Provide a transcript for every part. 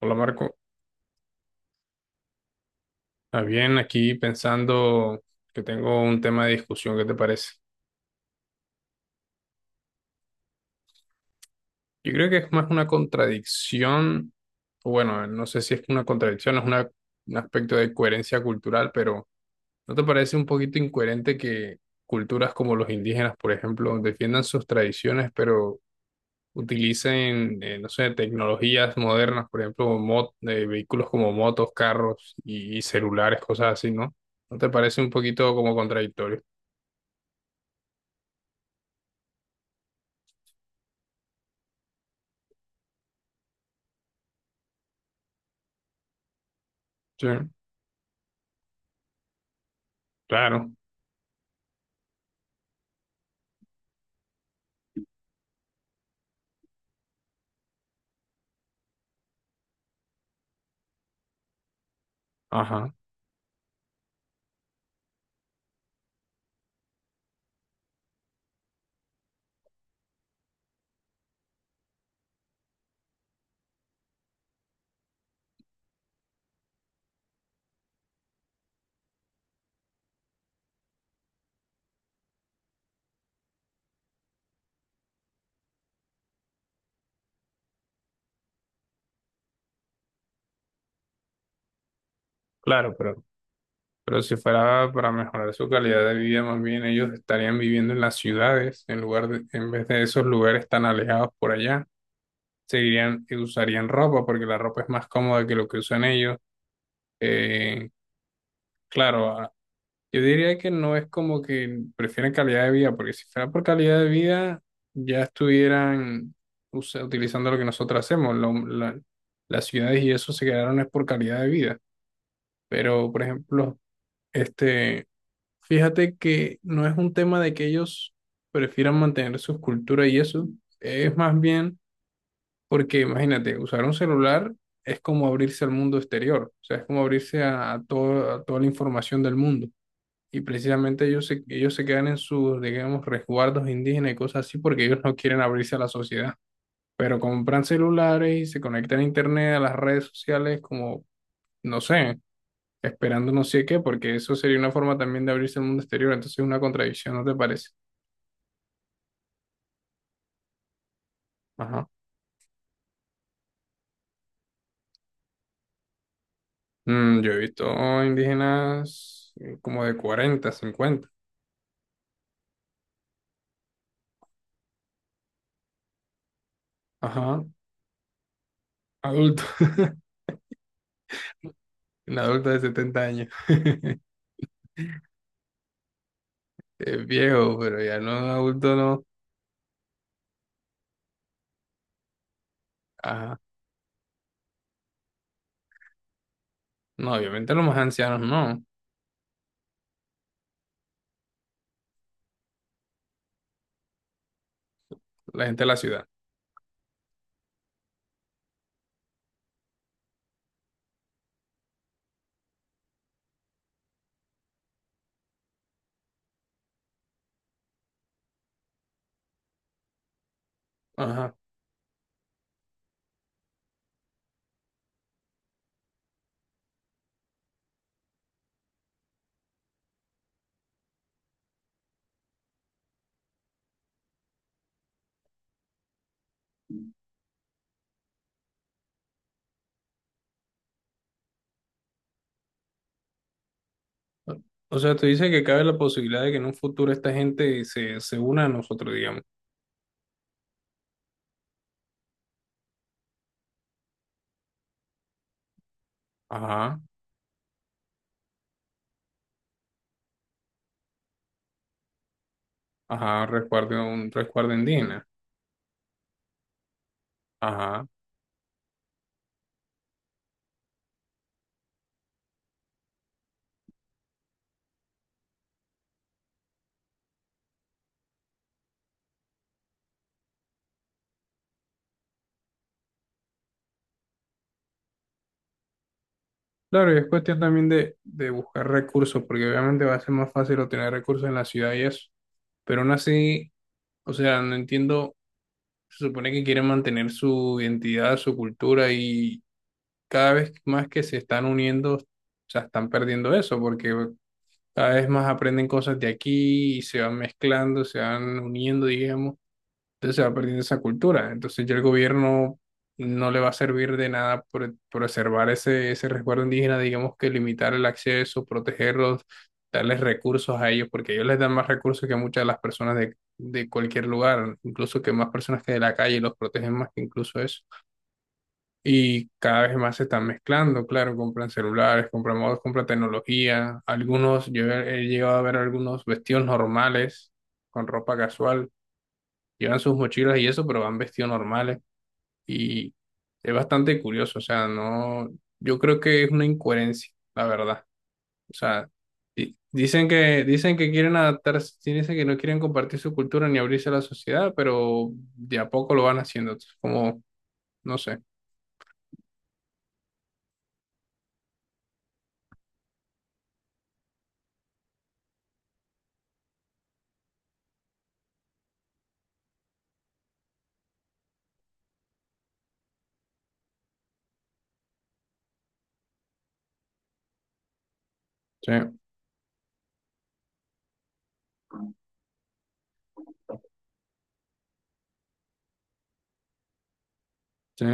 Hola, Marco. Bien, aquí pensando que tengo un tema de discusión. ¿Qué te parece? Yo creo que es más una contradicción, o bueno, no sé si es una contradicción, es una- un aspecto de coherencia cultural, pero ¿no te parece un poquito incoherente que culturas como los indígenas, por ejemplo, defiendan sus tradiciones, pero utilicen, no sé, tecnologías modernas, por ejemplo, vehículos como motos, carros y celulares, cosas así, ¿no? ¿No te parece un poquito como contradictorio? Sí. Claro, ajá, claro, pero si fuera para mejorar su calidad de vida, más bien ellos estarían viviendo en las ciudades, en lugar de, en vez de esos lugares tan alejados por allá, seguirían, usarían ropa, porque la ropa es más cómoda que lo que usan ellos. Eh, claro, a- yo diría que no es como que prefieren calidad de vida, porque si fuera por calidad de vida, ya estuvieran usa- utilizando lo que nosotros hacemos, lo- la- las ciudades y eso se quedaron es por calidad de vida. Pero, por ejemplo, este, fíjate que no es un tema de que ellos prefieran mantener su cultura y eso, es más bien porque imagínate, usar un celular es como abrirse al mundo exterior, o sea, es como abrirse a todo- a toda la información del mundo. Y precisamente ellos se quedan en sus, digamos, resguardos indígenas y cosas así porque ellos no quieren abrirse a la sociedad. Pero compran celulares y se conectan a internet, a las redes sociales, como, no sé, esperando no sé qué, porque eso sería una forma también de abrirse al mundo exterior, entonces es una contradicción, ¿no te parece? Ajá. Mm, yo he visto indígenas como de 40 50. Ajá, adultos. Un adulto de 70 años. Es viejo, pero ya no, adulto no. Ajá, no, obviamente los más ancianos no. La gente de la ciudad. Ajá. O o sea, tú dices que cabe la posibilidad de que en un futuro esta gente se, se una a nosotros, digamos. Ajá, ajá, resguardo, un resguardo indígena. Ajá. Claro, y es cuestión también de buscar recursos, porque obviamente va a ser más fácil obtener recursos en la ciudad y eso. Pero aún así, o sea, no entiendo, se supone que quieren mantener su identidad, su cultura, y cada vez más que se están uniendo, o sea, están perdiendo eso, porque cada vez más aprenden cosas de aquí y se van mezclando, se van uniendo, digamos. Entonces se va perdiendo esa cultura. Entonces ya el gobierno no le va a servir de nada por preservar ese, ese resguardo indígena, digamos que limitar el acceso, protegerlos, darles recursos a ellos, porque ellos les dan más recursos que muchas de las personas de cualquier lugar, incluso que más personas que de la calle, los protegen más que incluso eso. Y cada vez más se están mezclando, claro, compran celulares, compran modos, compran tecnología. Algunos, yo he llegado a ver algunos vestidos normales con ropa casual, llevan sus mochilas y eso, pero van vestidos normales y es bastante curioso, o sea, no, yo creo que es una incoherencia, la verdad. O sea, dicen que quieren adaptarse, sí dicen que no quieren compartir su cultura ni abrirse a la sociedad, pero de a poco lo van haciendo, entonces, como, no sé. Sí, sí,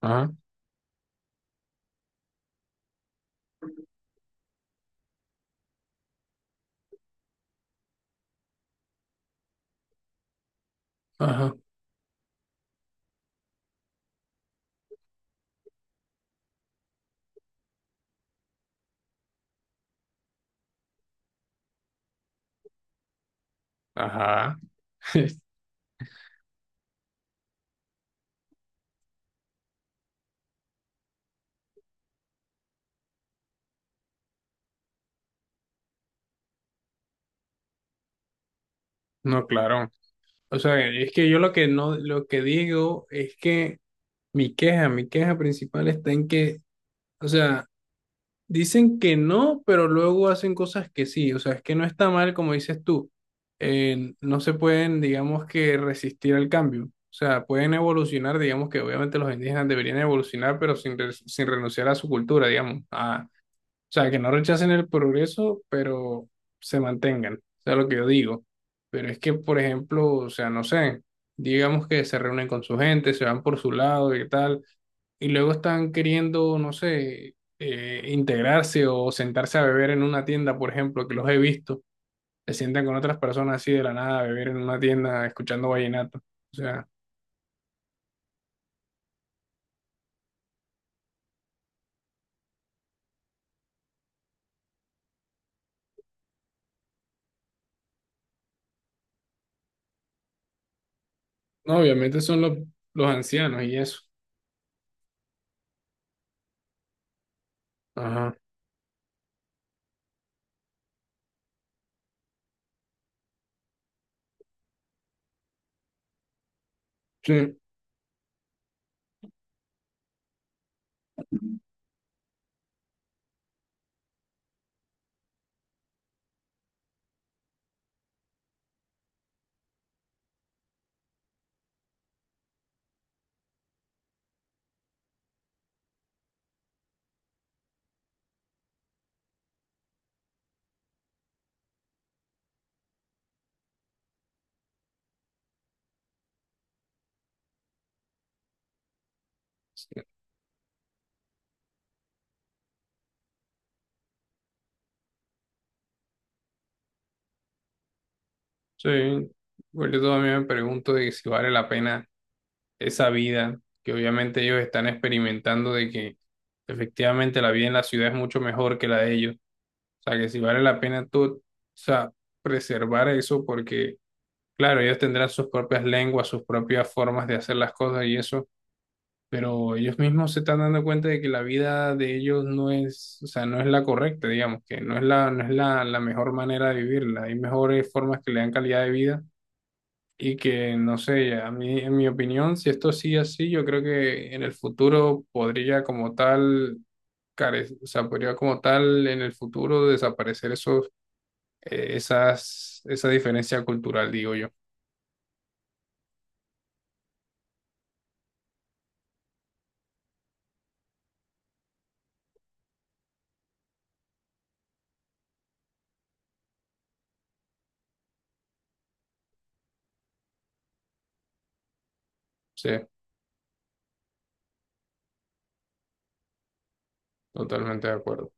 ajá, ajá, ajá. No, claro. O sea, es que yo lo que no, lo que digo es que mi queja principal está en que o sea, dicen que no, pero luego hacen cosas que sí. O sea, es que no está mal, como dices tú. No se pueden, digamos que, resistir al cambio. O sea, pueden evolucionar, digamos que obviamente los indígenas deberían evolucionar, pero sin, sin renunciar a su cultura, digamos, a, o sea, que no rechacen el progreso, pero se mantengan. O sea, lo que yo digo. Pero es que, por ejemplo, o sea, no sé, digamos que se reúnen con su gente, se van por su lado y tal, y luego están queriendo, no sé, integrarse o sentarse a beber en una tienda, por ejemplo, que los he visto, se sientan con otras personas así de la nada a beber en una tienda escuchando vallenato. O sea, no, obviamente son los ancianos y eso. Ajá. Sí. Sí, pues yo también me pregunto de si vale la pena esa vida que obviamente ellos están experimentando de que efectivamente la vida en la ciudad es mucho mejor que la de ellos. O sea, que si vale la pena tú, o sea, preservar eso porque, claro, ellos tendrán sus propias lenguas, sus propias formas de hacer las cosas y eso, pero ellos mismos se están dando cuenta de que la vida de ellos no es, o sea, no es la correcta, digamos, que no es la, no es la, la mejor manera de vivirla. Hay mejores formas que le dan calidad de vida y que, no sé, a mí, en mi opinión, si esto sigue así, yo creo que en el futuro podría como tal, o sea, podría como tal en el futuro desaparecer esos, esas, esa diferencia cultural, digo yo. Sí, totalmente de acuerdo.